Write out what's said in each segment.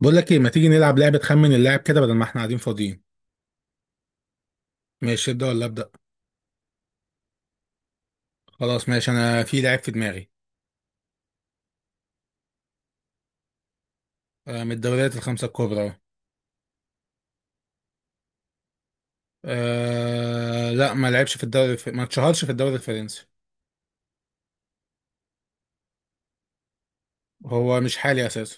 بقول لك ايه، ما تيجي نلعب لعبة خمن اللاعب كده بدل ما احنا قاعدين فاضيين. ماشي، ابدأ ولا ابدأ؟ خلاص ماشي، انا في لاعب في دماغي. آه، من الدوريات الخمسة الكبرى اهو. آه لا، ما لعبش في الدوري الف... ما اتشهرش في الدوري الفرنسي. هو مش حالي اساسا.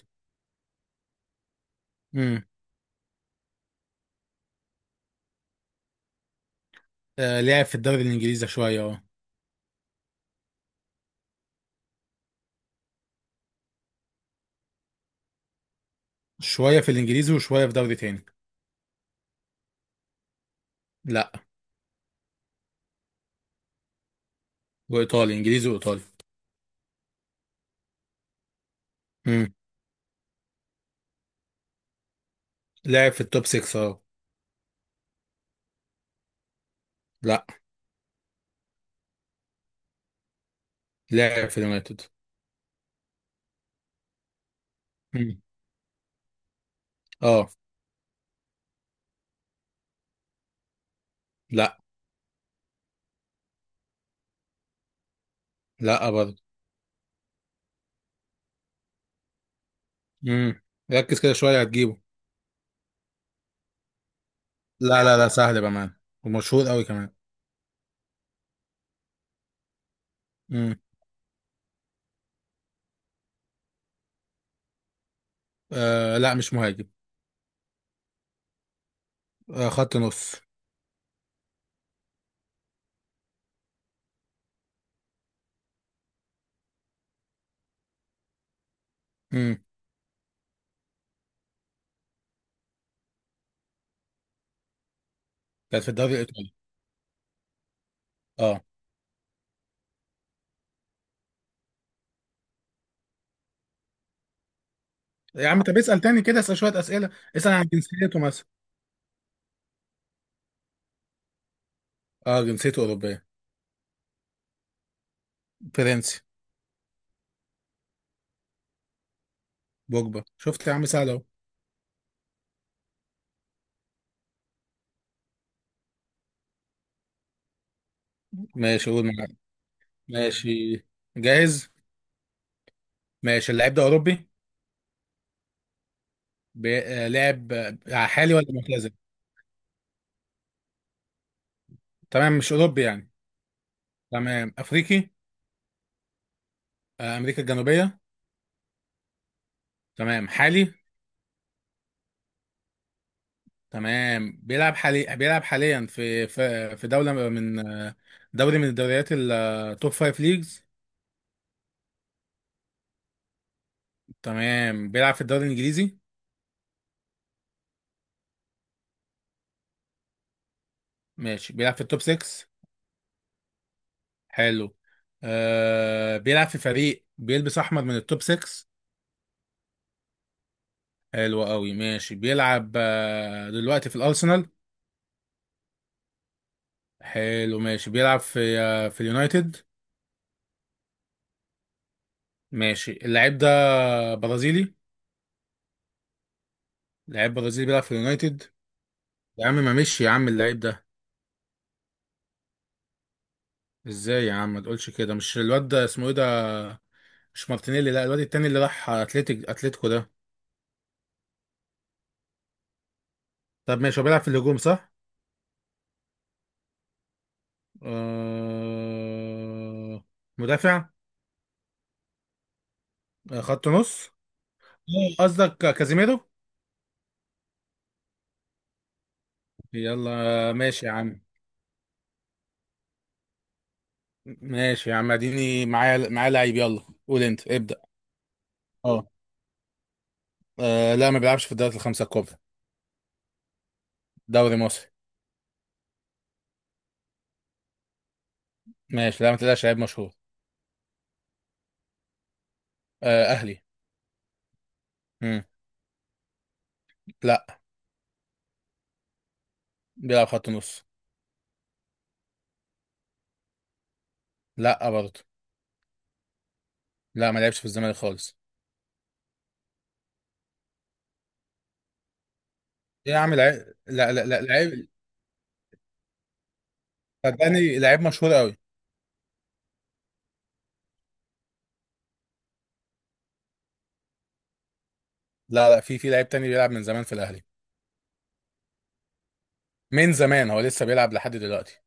امم آه لعب في الدوري الانجليزي شوية اه. شوية في الانجليزي وشوية في دوري تاني. لا. وايطالي، انجليزي وايطالي. امم لعب في التوب 6 اه. لا. لعب في اليونايتد. امم اه. لا. لا برضه. امم ركز كده شوية هتجيبه. لا لا لا، سهل بأمان. ومشهور قوي كمان. امم آه لا، مش مهاجم. آه، خط نص. امم كانت في الدوري الإيطالي. اه. يا عم طب اسأل تاني كده، اسأل شوية أسئلة. اسأل عن جنسيته مثلا. اه جنسيته أوروبية. فرنسي. بوجبا. شفت يا عم سهل أهو؟ ماشي قول معايا. ماشي. جاهز. ماشي، اللاعب ده أوروبي. بي... آه لاعب، حالي ولا معتزل؟ تمام، مش أوروبي يعني. تمام، أفريقي. آه، أمريكا الجنوبية. تمام، حالي. تمام بيلعب حالي، بيلعب حاليا في في دولة من دوري، من الدوريات التوب فايف ليجز. تمام بيلعب في الدوري الإنجليزي. ماشي بيلعب في التوب 6. حلو. آه، بيلعب في فريق بيلبس أحمر من التوب 6. حلو قوي. ماشي بيلعب دلوقتي في الأرسنال. حلو. ماشي بيلعب في اليونايتد. ماشي اللاعب ده برازيلي. لاعب برازيلي بيلعب في اليونايتد. يا عم ما مشي يا عم اللاعب ده؟ ازاي يا عم ما تقولش كده؟ مش الواد ده اسمه ايه ده؟ مش مارتينيلي؟ لا الواد التاني اللي راح اتلتيك، اتلتيكو ده. طب ماشي، هو بيلعب في الهجوم صح؟ آه... مدافع. آه، خط نص. آه، قصدك كازيميرو. يلا. آه، ماشي يا عم. ماشي يا عم، اديني معايا، لعيب. يلا قول انت، ابدأ. اه. آه، لا ما بيلعبش في الدوري الخمسة الكبرى. دوري مصري. ماشي، لا ما تقلقش لعيب مشهور. آه، اهلي. مم. لا. بيلعب خط نص. لا برضه. لا ما لعبش في الزمالك خالص. ايه يا عم؟ لعيب، لا لا لا لعيب. صدقني لعيب مشهور قوي. لا لا، في لعيب تاني بيلعب من زمان في الاهلي. من زمان، هو لسه بيلعب لحد دلوقتي.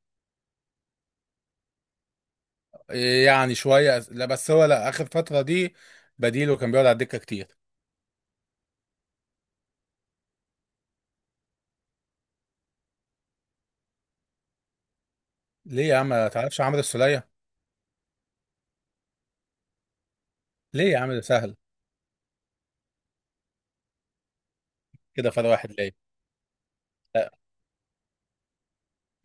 إيه يعني شويه، لا بس هو لا، اخر فتره دي بديله، كان بيقعد على الدكه كتير. ليه يا عم؟ ما تعرفش عمرو السوليه؟ ليه يا عم ده سهل. كده فرق واحد ليه؟ لا.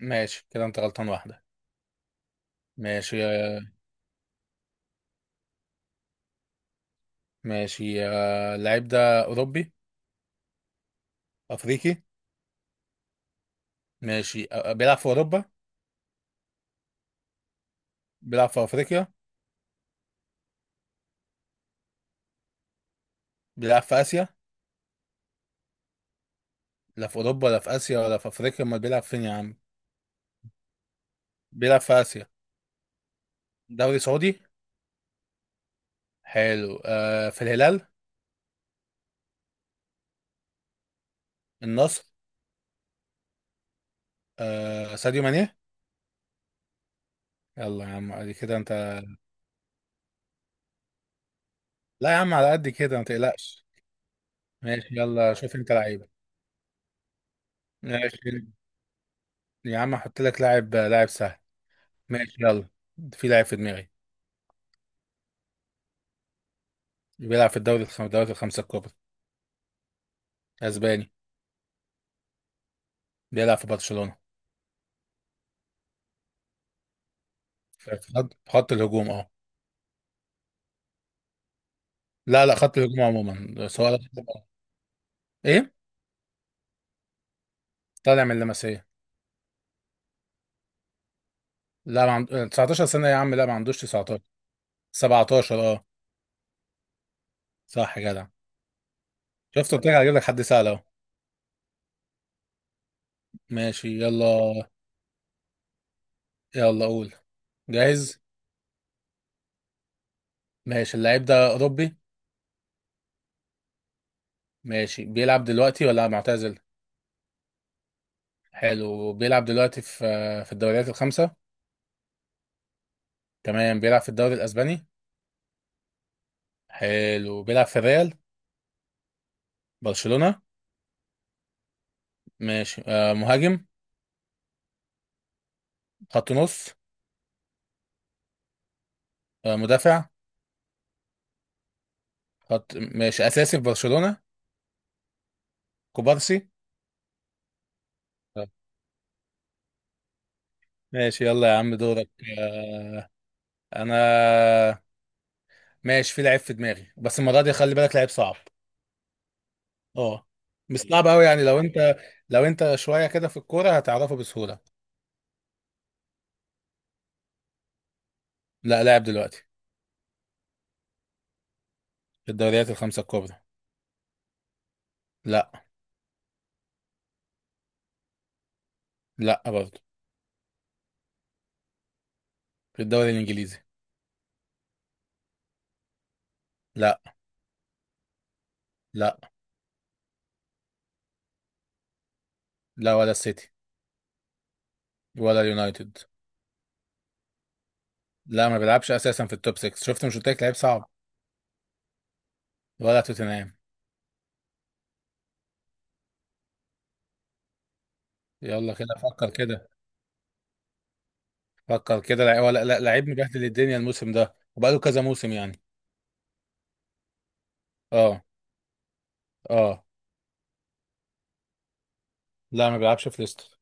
ماشي كده، انت غلطان واحده. ماشي. ماشي آه، اللعيب ده اوروبي؟ افريقي. ماشي آه، بيلعب في اوروبا؟ بيلعب في افريقيا. بيلعب في اسيا. لا في اوروبا ولا في اسيا ولا في افريقيا، امال بيلعب فين يا عم؟ بيلعب في آسيا. دوري سعودي. حلو، آه في الهلال. النصر. آه، ساديو ماني. يلا يا عم، ادي كده انت. لا يا عم على قد كده ما تقلقش. ماشي يلا، شوف انت لعيبة. ماشي يا عم احط لك لاعب، لاعب سهل. ماشي. يلا، في لاعب في دماغي. بيلعب في الدوري الخم... الدوريات الخمسة الكبرى. اسباني. بيلعب في برشلونة. في خط الهجوم اه. لا لا، خط الهجوم عموما، سواء. ايه؟ طالع من اللمسية. لا ما عند... 19 سنة يا عم، لا ما عندوش 19. 17 اه. صح يا جدع. شفت قلت لك هجيب لك حد سهل اهو. ماشي. يلا. يلا قول. جاهز. ماشي، اللعيب ده اوروبي. ماشي، بيلعب دلوقتي ولا معتزل؟ حلو، بيلعب دلوقتي في في الدوريات الخمسة. تمام، بيلعب في الدوري الاسباني. حلو، بيلعب في الريال. برشلونة. ماشي، آه مهاجم. خط نص. آه، مدافع. خط، ماشي اساسي في برشلونة. كوبارسي. آه. ماشي يلا يا عم، دورك. انا. ماشي، في لعيب في دماغي، بس المرة دي خلي بالك لعيب صعب. اه. مش صعب قوي يعني، لو انت، لو انت شويه كده في الكوره هتعرفه بسهوله. لا، لاعب دلوقتي. في الدوريات الخمسه الكبرى. لا. لا برضه. في الدوري الانجليزي. لا. لا. لا ولا السيتي. ولا اليونايتد. لا ما بيلعبش اساسا في التوب 6. شفت مش قلت لك لعيب صعب؟ ولا توتنهام. يلا كده فكر كده. فكر كده لعيب ولا لا، لعيب مبهدل الدنيا الموسم ده وبقاله كذا موسم يعني. اه. اه. لا ما بيلعبش في ليستر.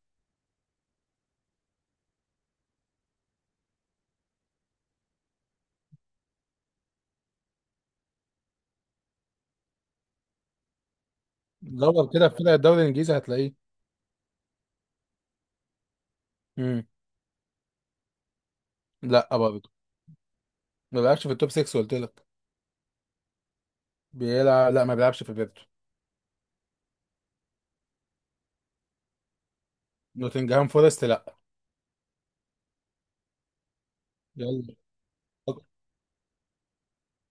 دور كده في فرق الدوري الانجليزي هتلاقيه. امم لا برضه. ما بيلعبش في التوب 6 قلت لك. بيلعب، لا ما بيلعبش في بيرتو. نوتنجهام فورست لا. يلا.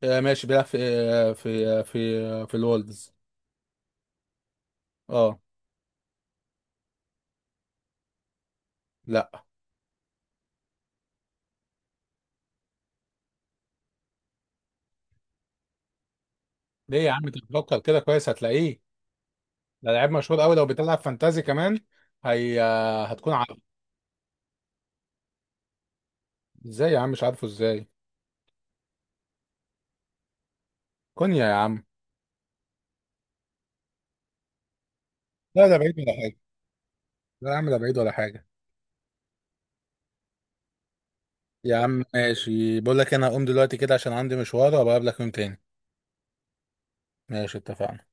آه، ماشي بيلعب في في الولدز. اه. لا. ليه يا عم انت بتفكر كده كويس هتلاقيه. ده لعيب مشهور قوي، لو بتلعب فانتازي كمان هي آه، هتكون عارفه. ازاي يا عم مش عارفه ازاي؟ كونيا يا عم. لا ده بعيد ولا حاجه. لا يا عم ده بعيد ولا حاجه. يا عم ماشي، بقول لك إيه، انا هقوم دلوقتي كده عشان عندي مشوار، وابقى اقابلك يوم تاني. ماشي اتفقنا.